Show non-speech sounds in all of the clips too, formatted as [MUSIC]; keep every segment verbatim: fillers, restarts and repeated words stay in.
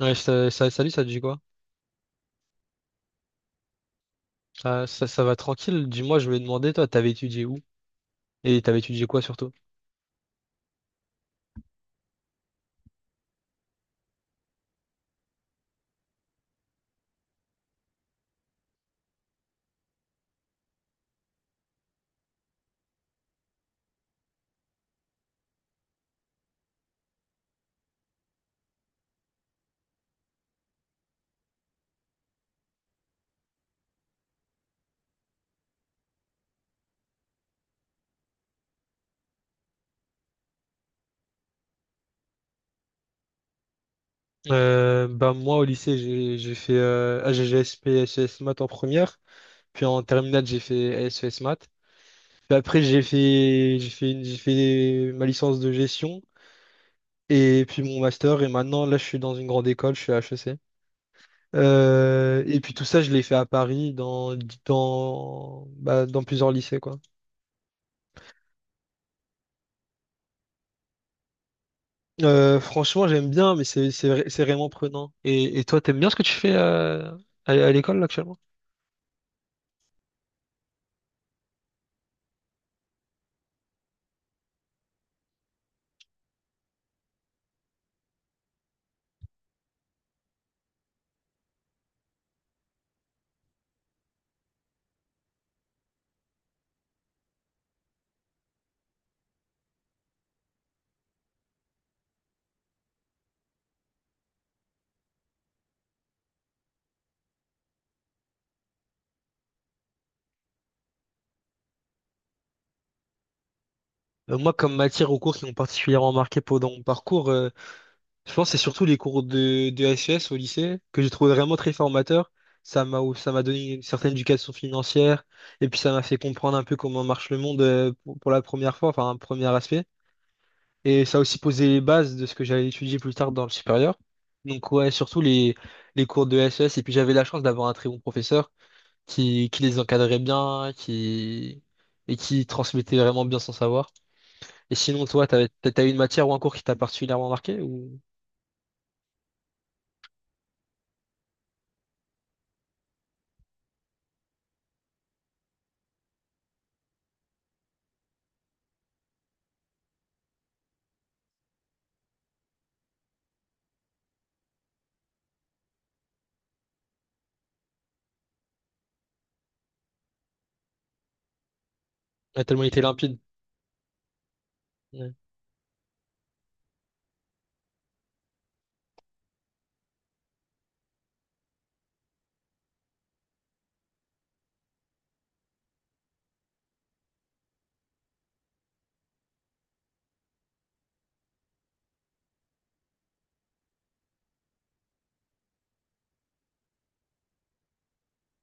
Ouais, ça, ça- salut, ça te dit quoi? Ça, ça, ça va tranquille? Dis-moi, je voulais demander, toi, t'avais étudié où? Et t'avais étudié quoi surtout? Euh, bah moi au lycée j'ai j'ai fait euh, A G G S P S E S maths en première puis en terminale j'ai fait S E S maths puis après j'ai fait j'ai fait une- j'ai fait ma licence de gestion. Et puis mon master, et maintenant, là, je suis dans une grande école, je suis à H E C. Euh, et puis tout ça, je l'ai fait à Paris, dans, dans, bah, dans plusieurs lycées, quoi. Euh, franchement, j'aime bien, mais c'est, c'est, vra- c'est vraiment prenant. Et, et toi, t'aimes bien ce que tu fais euh, à, à l'école, là, actuellement? Euh, moi, comme matière aux cours qui m'ont particulièrement marqué pendant mon parcours, euh, je pense que c'est surtout les cours de, de S E S au lycée que j'ai trouvé vraiment très formateurs. Ça m'a, ça m'a donné une certaine éducation financière, et puis ça m'a fait comprendre un peu comment marche le monde, euh, pour, pour la première fois, enfin un premier aspect. Et ça a aussi posé les bases de ce que j'allais étudier plus tard dans le supérieur. Donc ouais, surtout les, les cours de S E S. Et puis j'avais la chance d'avoir un très bon professeur qui, qui les encadrait bien, qui, et qui transmettait vraiment bien son savoir. Et sinon, toi, t'avais, t'as t'as eu une matière ou un cours qui t'a particulièrement marqué ou… a tellement été limpide. Ouais.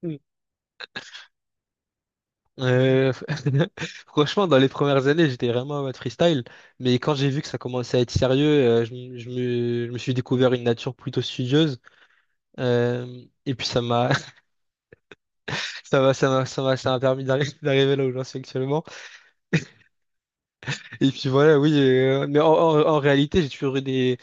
Mm. Euh, [LAUGHS] franchement, dans les premières années, j'étais vraiment en mode freestyle, mais quand j'ai vu que ça commençait à être sérieux, euh, je, me, je me je me suis découvert une nature plutôt studieuse, euh, et puis ça m'a, [LAUGHS] ça m'a, ça m'a, ça m'a, ça m'a permis d'arri- d'arriver là où j'en suis actuellement. Et puis voilà, oui, euh, mais en, en- en réalité, j'ai toujours eu des,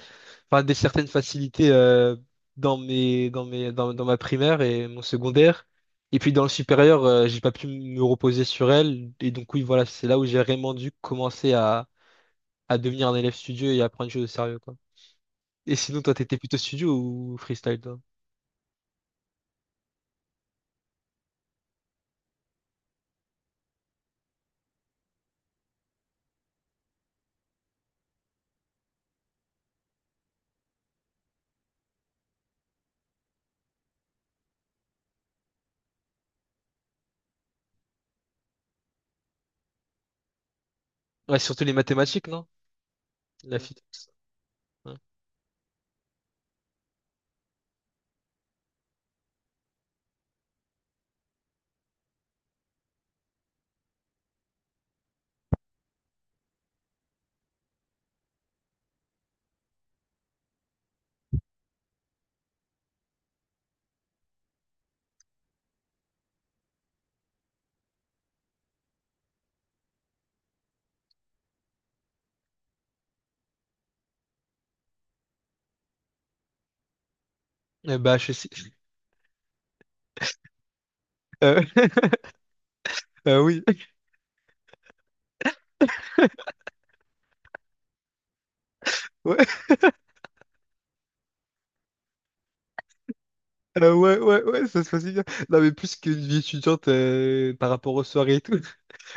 enfin des certaines facilités euh, dans mes dans mes dans, dans ma primaire et mon secondaire, et puis dans le supérieur, euh, j'ai pas pu me reposer sur elle. Et donc oui, voilà, c'est là où j'ai vraiment dû commencer à à devenir un élève studieux et à prendre les choses au sérieux, quoi. Et sinon, toi, t'étais plutôt studio ou freestyle, toi? Ouais, surtout les mathématiques, non? La physique. Ouais. Eh bah H E C. [LAUGHS] euh, [LAUGHS] euh, oui. Ouais. Euh, ouais, ouais, ouais, ça se passe bien. Non, mais plus qu'une vie étudiante euh, par rapport aux soirées et tout.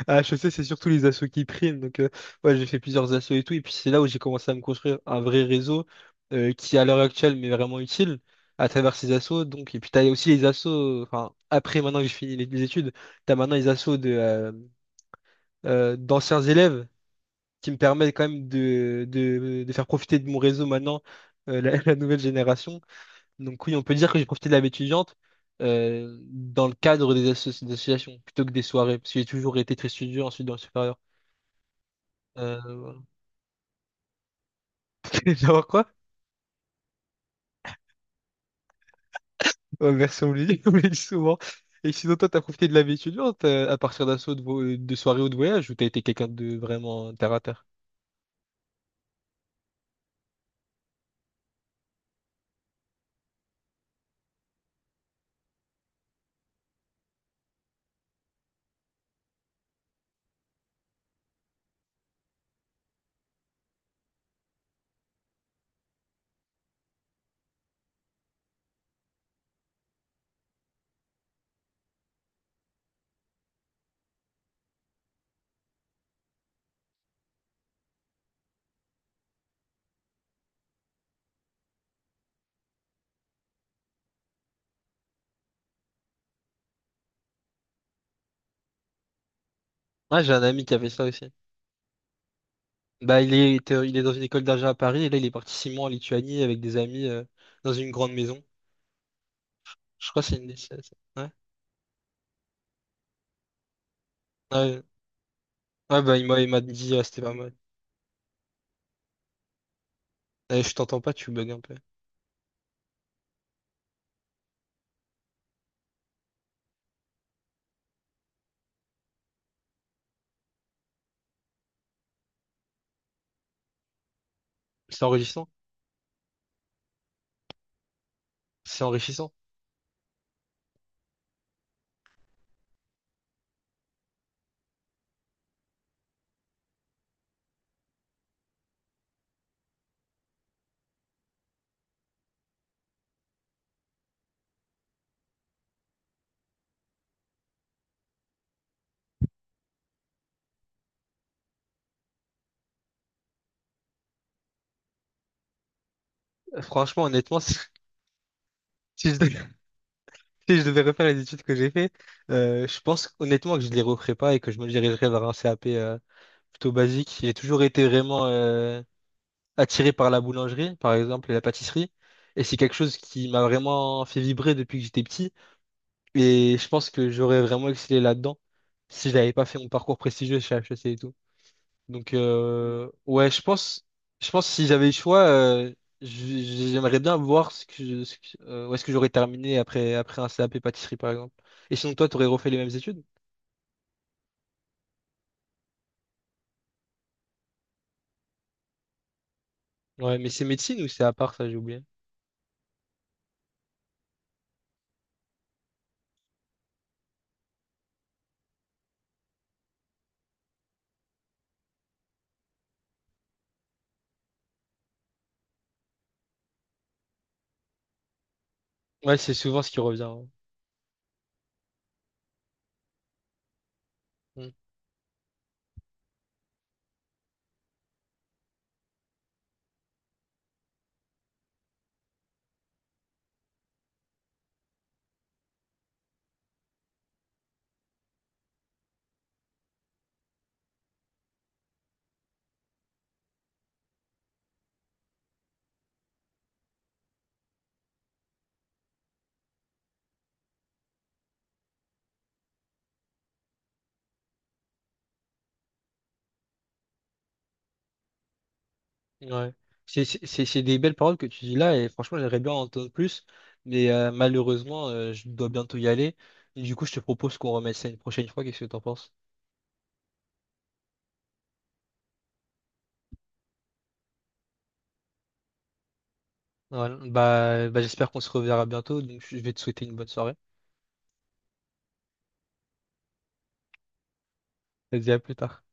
Ah, je sais, c'est surtout les assos qui priment. Donc, euh, ouais, j'ai fait plusieurs assos et tout. Et puis, c'est là où j'ai commencé à me construire un vrai réseau euh, qui, à l'heure actuelle, m'est vraiment utile à travers ces assos. Donc, et puis, t'as aussi les assos, enfin, après, maintenant que j'ai fini les, les études, t'as maintenant les assos de, euh, euh, d'anciens élèves qui me permettent quand même de, de, de faire profiter de mon réseau maintenant, euh, la, [LAUGHS] la nouvelle génération. Donc, oui, on peut dire que j'ai profité de la vie étudiante, euh, dans le cadre des asso- des associations plutôt que des soirées, parce que j'ai toujours été très studieux ensuite dans le supérieur. Euh, voilà. [LAUGHS] D'avoir quoi? Ouais, merci, on me le dit, [LAUGHS] on me le dit souvent. Et sinon, toi, t'as profité de la vie étudiante euh, à partir d'un saut de, vo- de soirée ou de voyage, ou t'as été quelqu'un de vraiment terre à terre? Ah, j'ai un ami qui avait ça aussi. Bah, il est, il est dans une école d'argent à Paris et là, il est parti six mois en Lituanie avec des amis, euh, dans une grande maison. Je crois que c'est une des… c'est- c'est- Ouais. Ouais, Ouais, bah, il m'a il m'a dit, euh, c'était pas mal. Eh, je t'entends pas, tu bugs un peu. C'est enrichissant. C'est enrichissant. Euh, Franchement, honnêtement, [LAUGHS] si je [LAUGHS] Si je devais refaire les études que j'ai fait, euh, je pense honnêtement que je les referais pas et que je me dirigerais vers un C A P, euh, plutôt basique. J'ai toujours été vraiment euh, attiré par la boulangerie, par exemple, et la pâtisserie. Et c'est quelque chose qui m'a vraiment fait vibrer depuis que j'étais petit. Et je pense que j'aurais vraiment excellé là-dedans si j'avais pas fait mon parcours prestigieux chez H E C et tout. Donc euh, ouais, je pense, je pense que si j'avais le choix, euh, j- j'aimerais bien voir ce que je- ce que- euh, où est-ce que j'aurais terminé après après un C A P pâtisserie, par exemple. Et sinon toi, t'aurais refait les mêmes études? Ouais, mais c'est médecine ou c'est à part ça, j'ai oublié. Ouais, c'est souvent ce qui revient. Ouais. Mm. Ouais. C'est c'est- c'est- c'est des belles paroles que tu dis là et franchement, j'aimerais bien en entendre plus, mais euh, malheureusement, euh, je dois bientôt y aller. Et du coup, je te propose qu'on remette ça une prochaine fois. Qu'est-ce que t'en penses? Voilà. Bah, bah j'espère qu'on se reverra bientôt, donc je vais te souhaiter une bonne soirée. Vas-y, à plus tard.